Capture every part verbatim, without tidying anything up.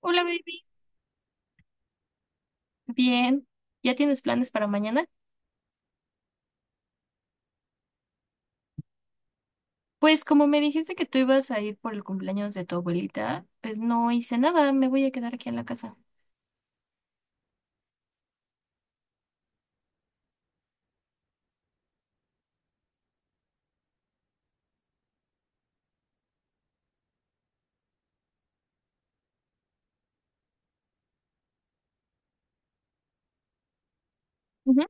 Hola, baby. Bien. ¿Ya tienes planes para mañana? Pues como me dijiste que tú ibas a ir por el cumpleaños de tu abuelita, pues no hice nada, me voy a quedar aquí en la casa. Ujú.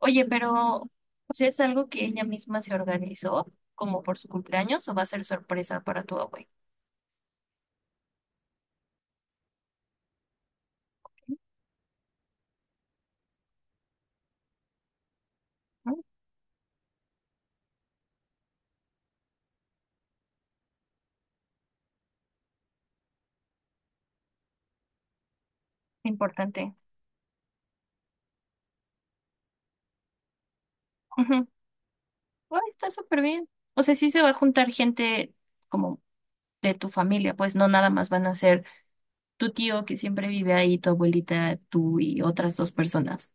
Oye, pero pues, ¿es algo que ella misma se organizó como por su cumpleaños o va a ser sorpresa para tu abuela? Ah. Importante. Ujú. Ah, está súper bien. O sea, sí se va a juntar gente como de tu familia, pues no nada más van a ser tu tío que siempre vive ahí, tu abuelita, tú y otras dos personas.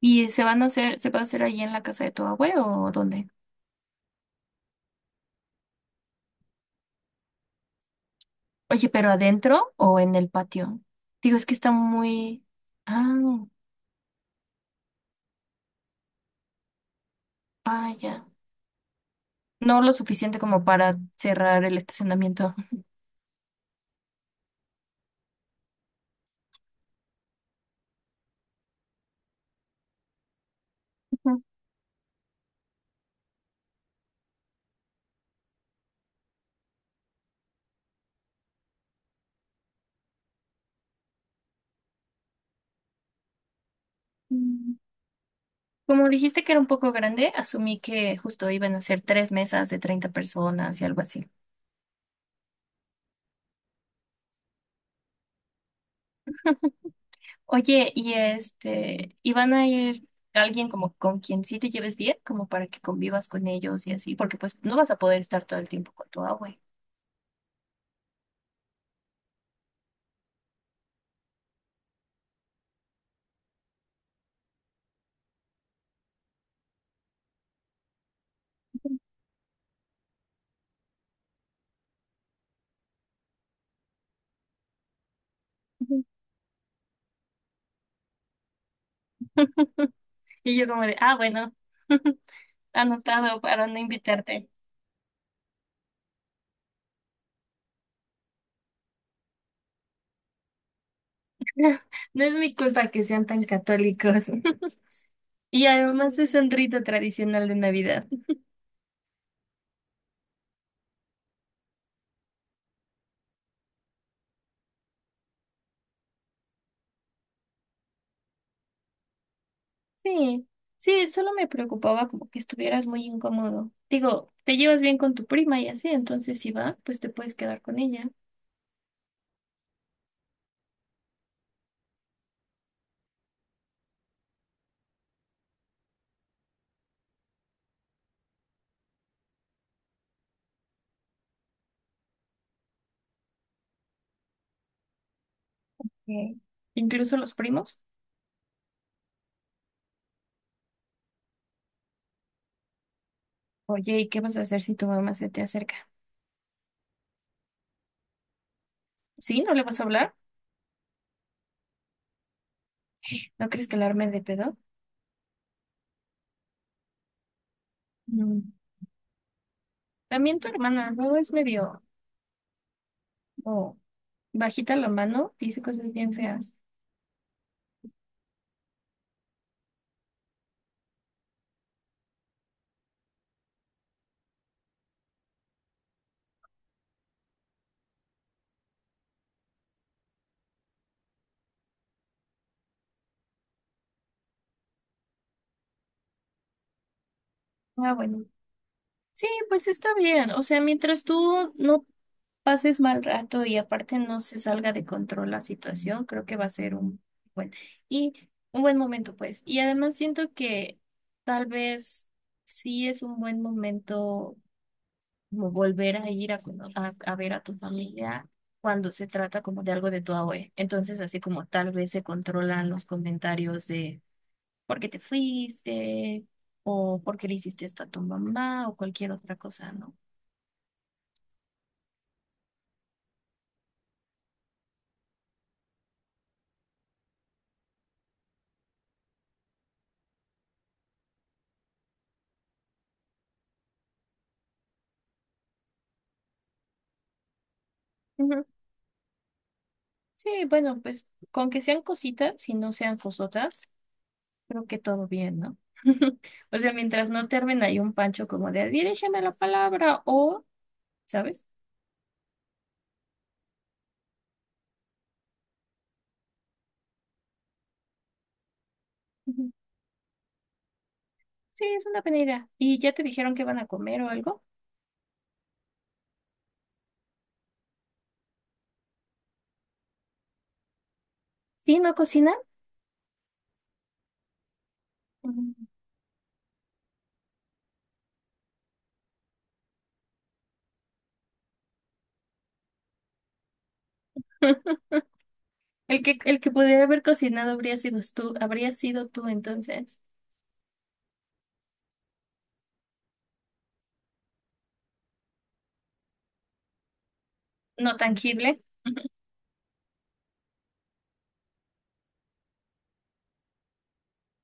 ¿Y se van a hacer, se va a hacer ahí en la casa de tu abuelo o dónde? Oye, ¿pero adentro o en el patio? Digo, es que está muy... Ah. Ah, ya. No lo suficiente como para cerrar el estacionamiento. Mm. Como dijiste que era un poco grande, asumí que justo iban a ser tres mesas de treinta personas y algo así. Oye, y este, ¿iban a ir alguien como con quien sí te lleves bien, como para que convivas con ellos y así? Porque pues no vas a poder estar todo el tiempo con tu abue. Ujú. Y yo como de, ah, bueno, anotado para no invitarte. No es mi culpa que sean tan católicos. Y además es un rito tradicional de Navidad. Sí, sí, solo me preocupaba como que estuvieras muy incómodo. Digo, te llevas bien con tu prima y así, entonces si va, pues te puedes quedar con ella. Ok. Incluso los primos. Oye, ¿y qué vas a hacer si tu mamá se te acerca? ¿Sí? ¿No le vas a hablar? ¿No crees que la arme de pedo? Mm. También tu hermana, luego es medio como bajita la mano, dice cosas bien feas. Ah, bueno. Sí, pues está bien. O sea, mientras tú no pases mal rato y aparte no se salga de control la situación, creo que va a ser un buen y un buen momento, pues. Y además siento que tal vez sí es un buen momento como volver a ir a, cono- a, a ver a tu familia cuando se trata como de algo de tu abue. Entonces, así como tal vez se controlan los comentarios de por qué te fuiste o por qué le hiciste esto a tu mamá o cualquier otra cosa, ¿no? Ujú. Sí, bueno, pues con que sean cositas y no sean cosotas, creo que todo bien, ¿no? O sea, mientras no termine ahí un pancho como de dirígeme la palabra o, ¿sabes? Ujú. Sí, es una buena idea. ¿Y ya te dijeron que van a comer o algo? ¿Sí, no cocinan? Ujú. El que, el que pudiera haber cocinado habría sido tú, habría sido tú entonces. No tangible. Ujú.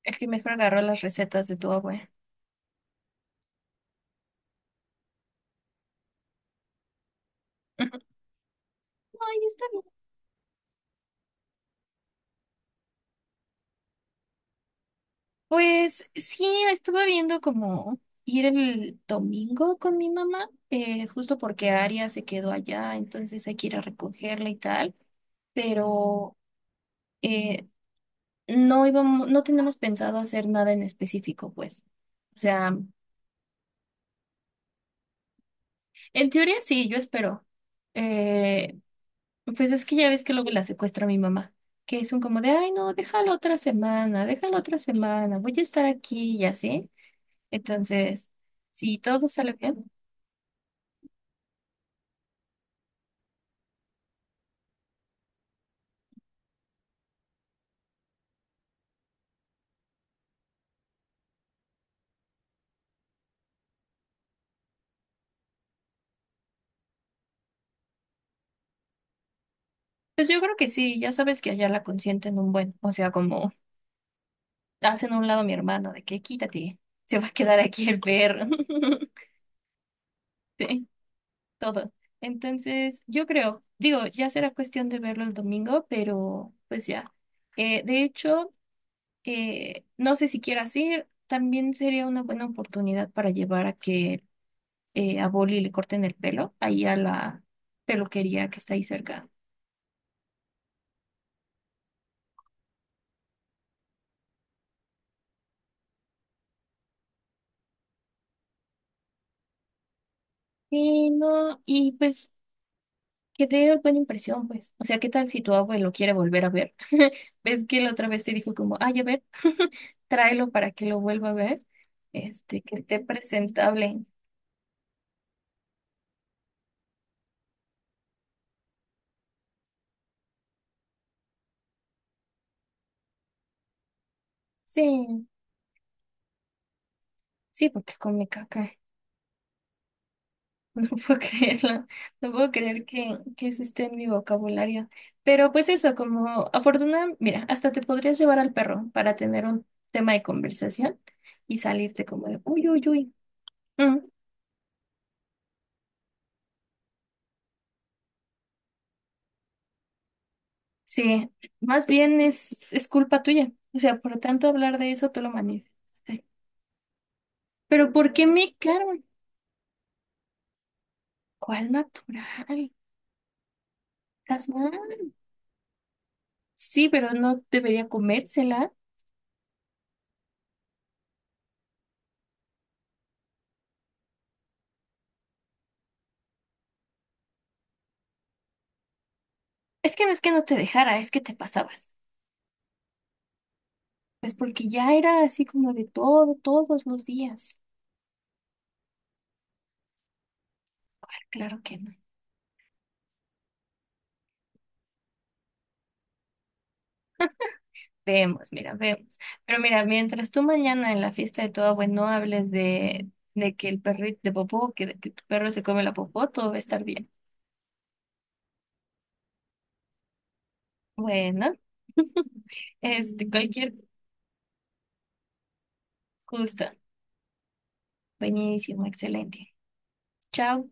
El que mejor agarró las recetas de tu abuela. Ujú. Ay, está bien. Pues sí, estuve viendo como ir el domingo con mi mamá, eh, justo porque Aria se quedó allá, entonces hay que ir a recogerla y tal, pero eh, no íbamos, no tenemos pensado hacer nada en específico, pues. O sea, en teoría sí, yo espero. Eh, pues es que ya ves que luego la secuestra mi mamá, que son como de, ay, no, déjalo otra semana, déjalo otra semana, voy a estar aquí y así. Entonces, si todo sale bien. Pues yo creo que sí, ya sabes que allá la consienten un buen, o sea, como hacen a un lado a mi hermano, de que quítate, se va a quedar aquí el perro, sí, todo. Entonces, yo creo, digo, ya será cuestión de verlo el domingo, pero pues ya. Eh, de hecho, eh, no sé si quieras ir, también sería una buena oportunidad para llevar a que eh, a Boli le corten el pelo, ahí a la peluquería que está ahí cerca. Sí no, y pues que te dio buena impresión, pues. O sea, ¿qué tal si tu abuelo quiere volver a ver? ¿Ves que la otra vez te dijo como, ay, a ver, tráelo para que lo vuelva a ver? Este, que esté presentable. Sí, sí, porque con mi caca. No puedo creerlo. No puedo creer que, que eso esté en mi vocabulario. Pero pues eso, como afortunadamente, mira, hasta te podrías llevar al perro para tener un tema de conversación y salirte como de, uy, uy, uy. Sí, más bien es, es culpa tuya. O sea, por tanto hablar de eso, tú lo manifestaste. Pero ¿por qué mi carne? ¿Cuál natural? ¿Estás mal? Sí, pero no debería comérsela. Es que no es que no te dejara, es que te pasabas. Pues porque ya era así como de todo, todos los días. Ah. Claro que no. Vemos, mira, vemos. Pero mira, mientras tú mañana en la fiesta de tu abuelo no hables de, de que el perrito de popó, que, que tu perro se come la popó, todo va a estar bien. Bueno. Este, cualquier gusto. Buenísimo, excelente. Chao.